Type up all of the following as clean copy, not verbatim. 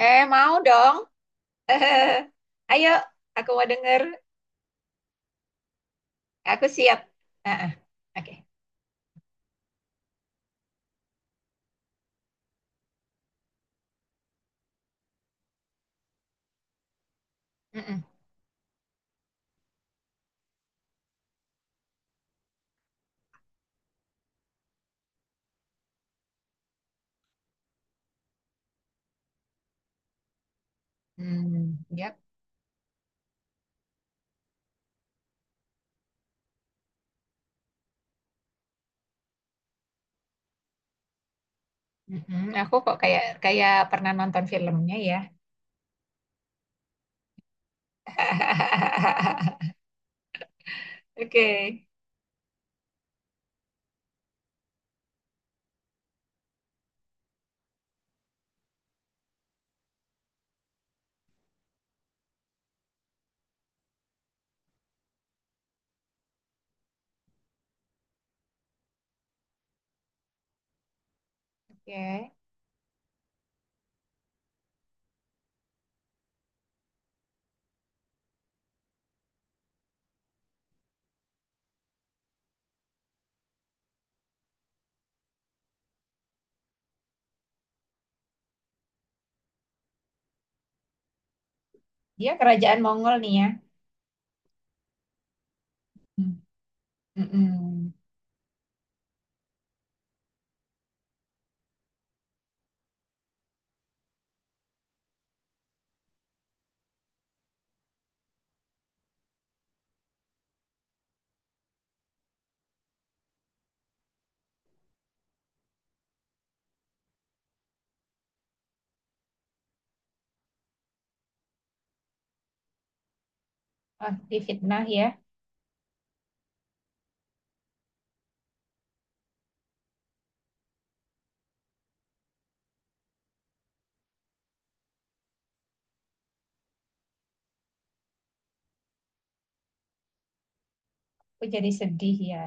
Mau dong. Ayo, aku mau denger. Aku siap. Ah, ah, oke. Mm-mm. Hmm, yap. Mm-mm. Aku kok kayak kayak pernah nonton filmnya ya. Oke. Oke. Dia kerajaan Mongol nih ya. Hmm. Mm-mm. Oh, difitnah ya. Aku jadi sedih ya.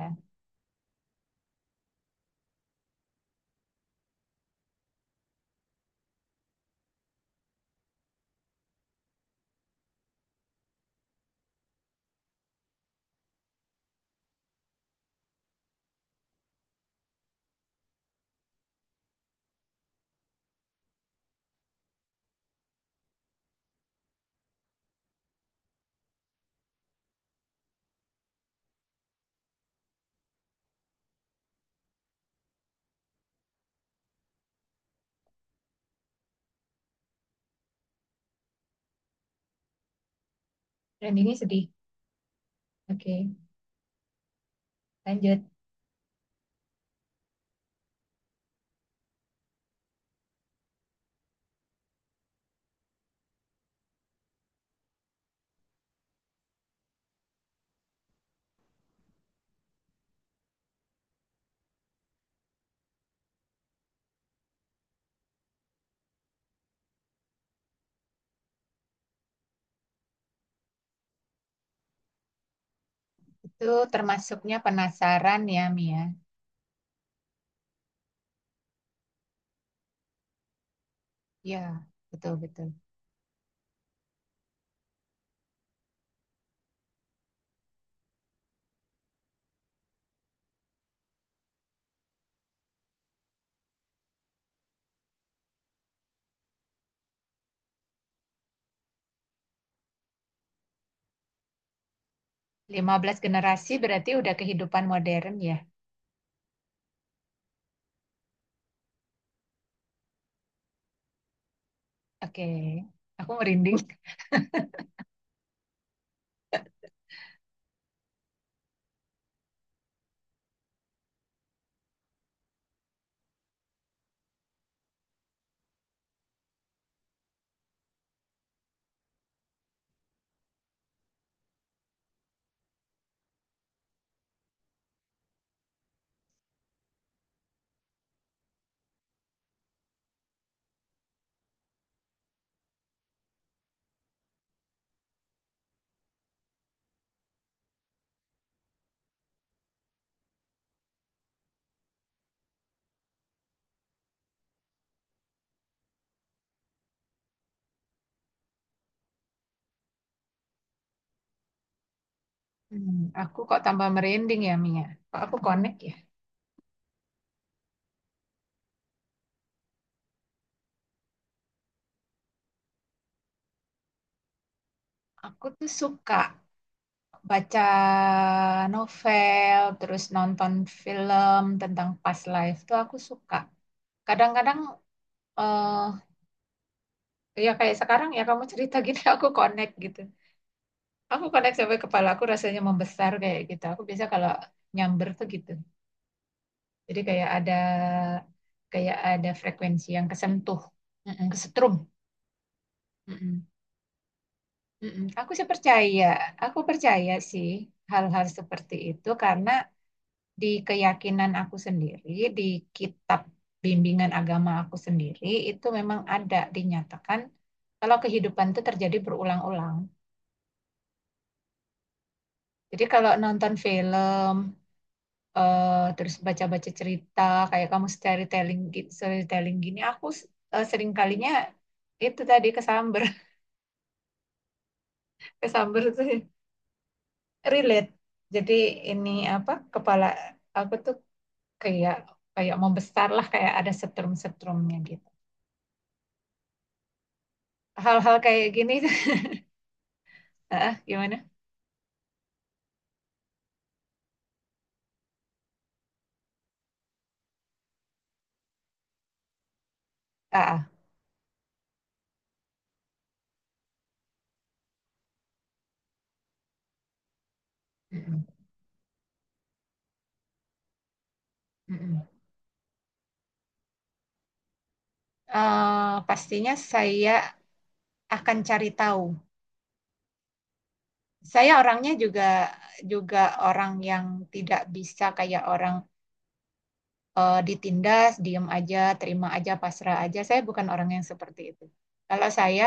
Dan ini sedih. Oke, lanjut. Itu termasuknya penasaran ya, Mia. Ya, betul-betul. 15 generasi berarti udah kehidupan modern ya. Oke, aku merinding. Hmm, aku kok tambah merinding ya, Mia. Kok aku connect ya? Aku tuh suka baca novel, terus nonton film tentang past life tuh aku suka. Kadang-kadang eh ya kayak sekarang ya kamu cerita gini aku connect gitu. Aku connect sampai kepala aku rasanya membesar kayak gitu. Aku biasa kalau nyamber tuh gitu. Jadi kayak ada frekuensi yang kesentuh, mm-mm, kesetrum. Mm-mm, mm-mm. Aku sih percaya, aku percaya sih hal-hal seperti itu karena di keyakinan aku sendiri, di kitab bimbingan agama aku sendiri itu memang ada dinyatakan kalau kehidupan itu terjadi berulang-ulang. Jadi kalau nonton film terus baca-baca cerita kayak kamu storytelling gitu storytelling gini aku sering kalinya itu tadi kesamber. Kesamber tuh relate, jadi ini apa kepala aku tuh kayak kayak mau besar lah kayak ada setrum-setrumnya gitu hal-hal kayak gini. Ah gimana, ah ah. Mm-mm. Mm-mm. Pastinya saya akan cari tahu. Saya orangnya juga juga orang yang tidak bisa kayak orang ditindas, diem aja, terima aja, pasrah aja. Saya bukan orang yang seperti itu. Kalau saya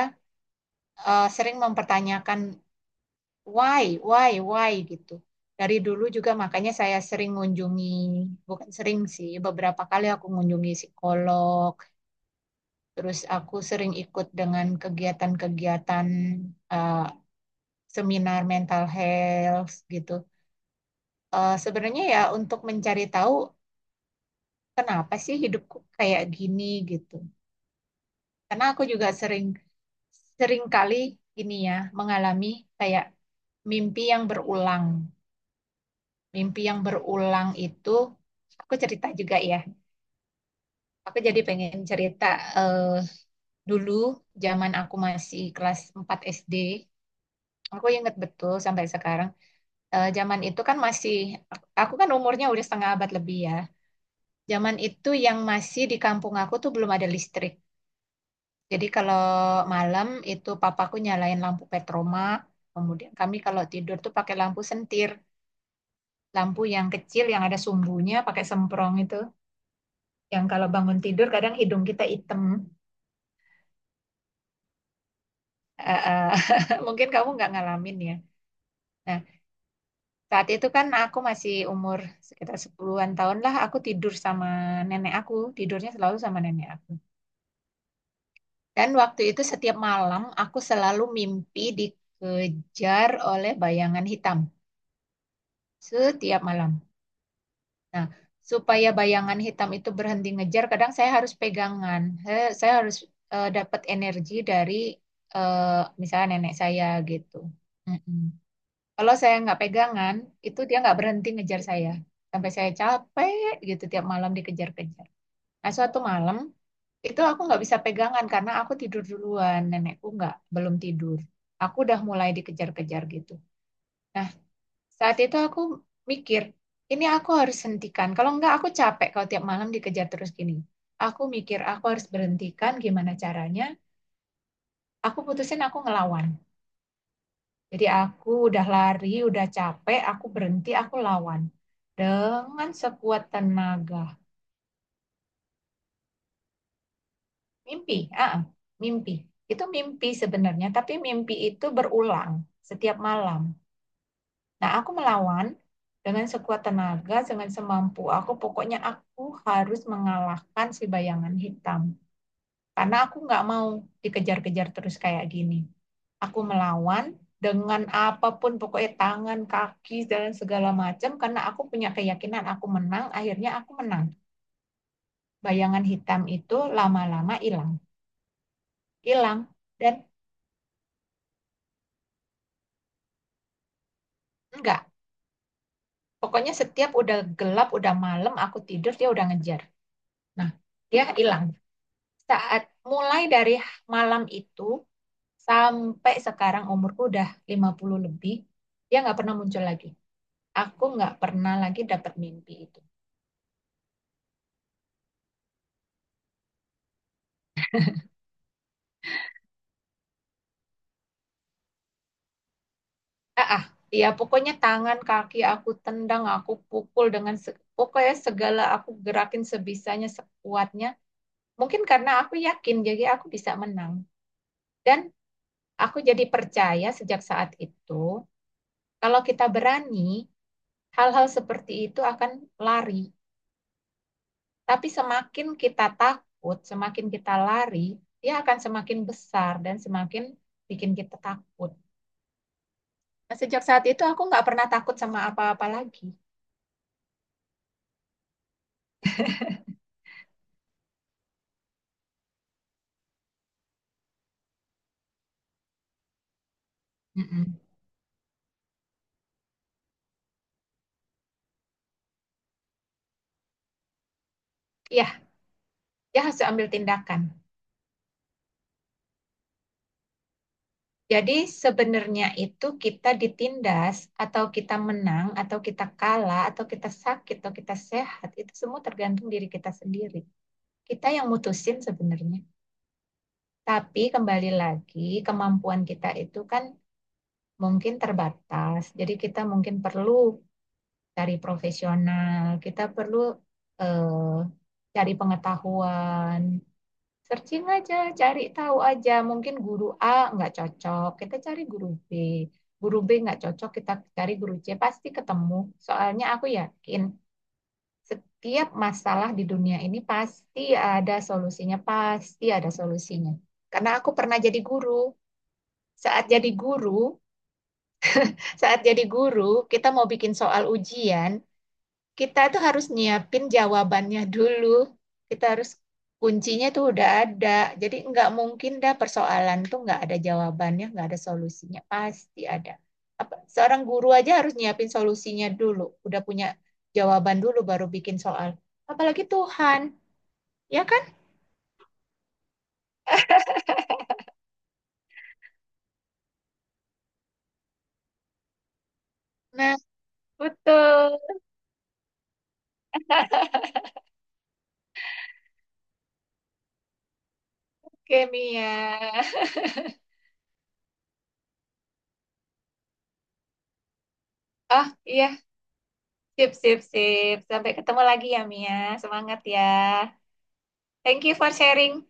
sering mempertanyakan why, why, why gitu. Dari dulu juga makanya saya sering mengunjungi, bukan sering sih, beberapa kali aku mengunjungi psikolog, terus aku sering ikut dengan kegiatan-kegiatan eh, seminar mental health gitu. Eh, sebenarnya ya untuk mencari tahu kenapa sih hidupku kayak gini gitu. Karena aku juga sering seringkali ini ya mengalami kayak mimpi yang berulang. Mimpi yang berulang itu aku cerita juga ya. Aku jadi pengen cerita eh, dulu zaman aku masih kelas 4 SD. Aku inget betul sampai sekarang. Eh, zaman itu kan masih aku kan umurnya udah setengah abad lebih ya. Zaman itu yang masih di kampung aku tuh belum ada listrik. Jadi kalau malam itu papaku nyalain lampu petroma, kemudian kami kalau tidur tuh pakai lampu sentir, lampu yang kecil yang ada sumbunya, pakai semprong itu, yang kalau bangun tidur kadang hidung kita hitam. Eh, eh, mungkin kamu nggak ngalamin ya. Nah, saat itu kan aku masih umur sekitar sepuluhan an tahun lah, aku tidur sama nenek aku, tidurnya selalu sama nenek aku. Dan waktu itu setiap malam aku selalu mimpi dikejar oleh bayangan hitam setiap malam. Nah, supaya bayangan hitam itu berhenti ngejar, kadang saya harus pegangan. Saya harus dapat energi dari misalnya nenek saya gitu. Mm-mm. Kalau saya nggak pegangan, itu dia nggak berhenti ngejar saya. Sampai saya capek gitu tiap malam dikejar-kejar. Nah, suatu malam itu aku nggak bisa pegangan karena aku tidur duluan. Nenekku nggak, belum tidur. Aku udah mulai dikejar-kejar gitu. Nah, saat itu aku mikir, ini aku harus hentikan. Kalau enggak, aku capek kalau tiap malam dikejar terus gini. Aku mikir, aku harus berhentikan gimana caranya. Aku putusin aku ngelawan. Jadi aku udah lari, udah capek, aku berhenti, aku lawan. Dengan sekuat tenaga. Mimpi, ah, ah, mimpi. Itu mimpi sebenarnya, tapi mimpi itu berulang setiap malam. Nah, aku melawan dengan sekuat tenaga, dengan semampu aku. Pokoknya aku harus mengalahkan si bayangan hitam. Karena aku nggak mau dikejar-kejar terus kayak gini. Aku melawan dengan apapun, pokoknya tangan, kaki, dan segala macam. Karena aku punya keyakinan aku menang, akhirnya aku menang. Bayangan hitam itu lama-lama hilang. Hilang. Dan enggak. Pokoknya setiap udah gelap, udah malam, aku tidur, dia udah ngejar. Nah, dia hilang. Saat mulai dari malam itu sampai sekarang umurku udah 50 lebih, dia nggak pernah muncul lagi. Aku nggak pernah lagi dapat mimpi itu. Ah, ah, ya pokoknya tangan, kaki aku tendang, aku pukul dengan se- pokoknya segala aku gerakin sebisanya, sekuatnya. Mungkin karena aku yakin jadi aku bisa menang. Dan aku jadi percaya sejak saat itu, kalau kita berani, hal-hal seperti itu akan lari. Tapi semakin kita takut, semakin kita lari, dia akan semakin besar dan semakin bikin kita takut. Nah, sejak saat itu aku nggak pernah takut sama apa-apa lagi. Mm-mm. Ya, dia harus ambil tindakan. Jadi sebenarnya itu kita ditindas atau kita menang atau kita kalah atau kita sakit atau kita sehat itu semua tergantung diri kita sendiri. Kita yang mutusin sebenarnya. Tapi kembali lagi kemampuan kita itu kan mungkin terbatas. Jadi kita mungkin perlu cari profesional, kita perlu eh, cari pengetahuan, searching aja, cari tahu aja. Mungkin guru A nggak cocok, kita cari guru B. Guru B nggak cocok, kita cari guru C, pasti ketemu. Soalnya aku yakin setiap masalah di dunia ini pasti ada solusinya, pasti ada solusinya. Karena aku pernah jadi guru. Saat jadi guru, Saat jadi guru, kita mau bikin soal ujian, kita tuh harus nyiapin jawabannya dulu. Kita harus kuncinya tuh udah ada. Jadi nggak mungkin dah persoalan tuh nggak ada jawabannya, nggak ada solusinya. Pasti ada. Apa, seorang guru aja harus nyiapin solusinya dulu. Udah punya jawaban dulu baru bikin soal. Apalagi Tuhan, ya kan? Nah, betul, Kemia. Iya, sip, sip, sip. Sampai ketemu lagi ya, Mia. Semangat ya. Thank you for sharing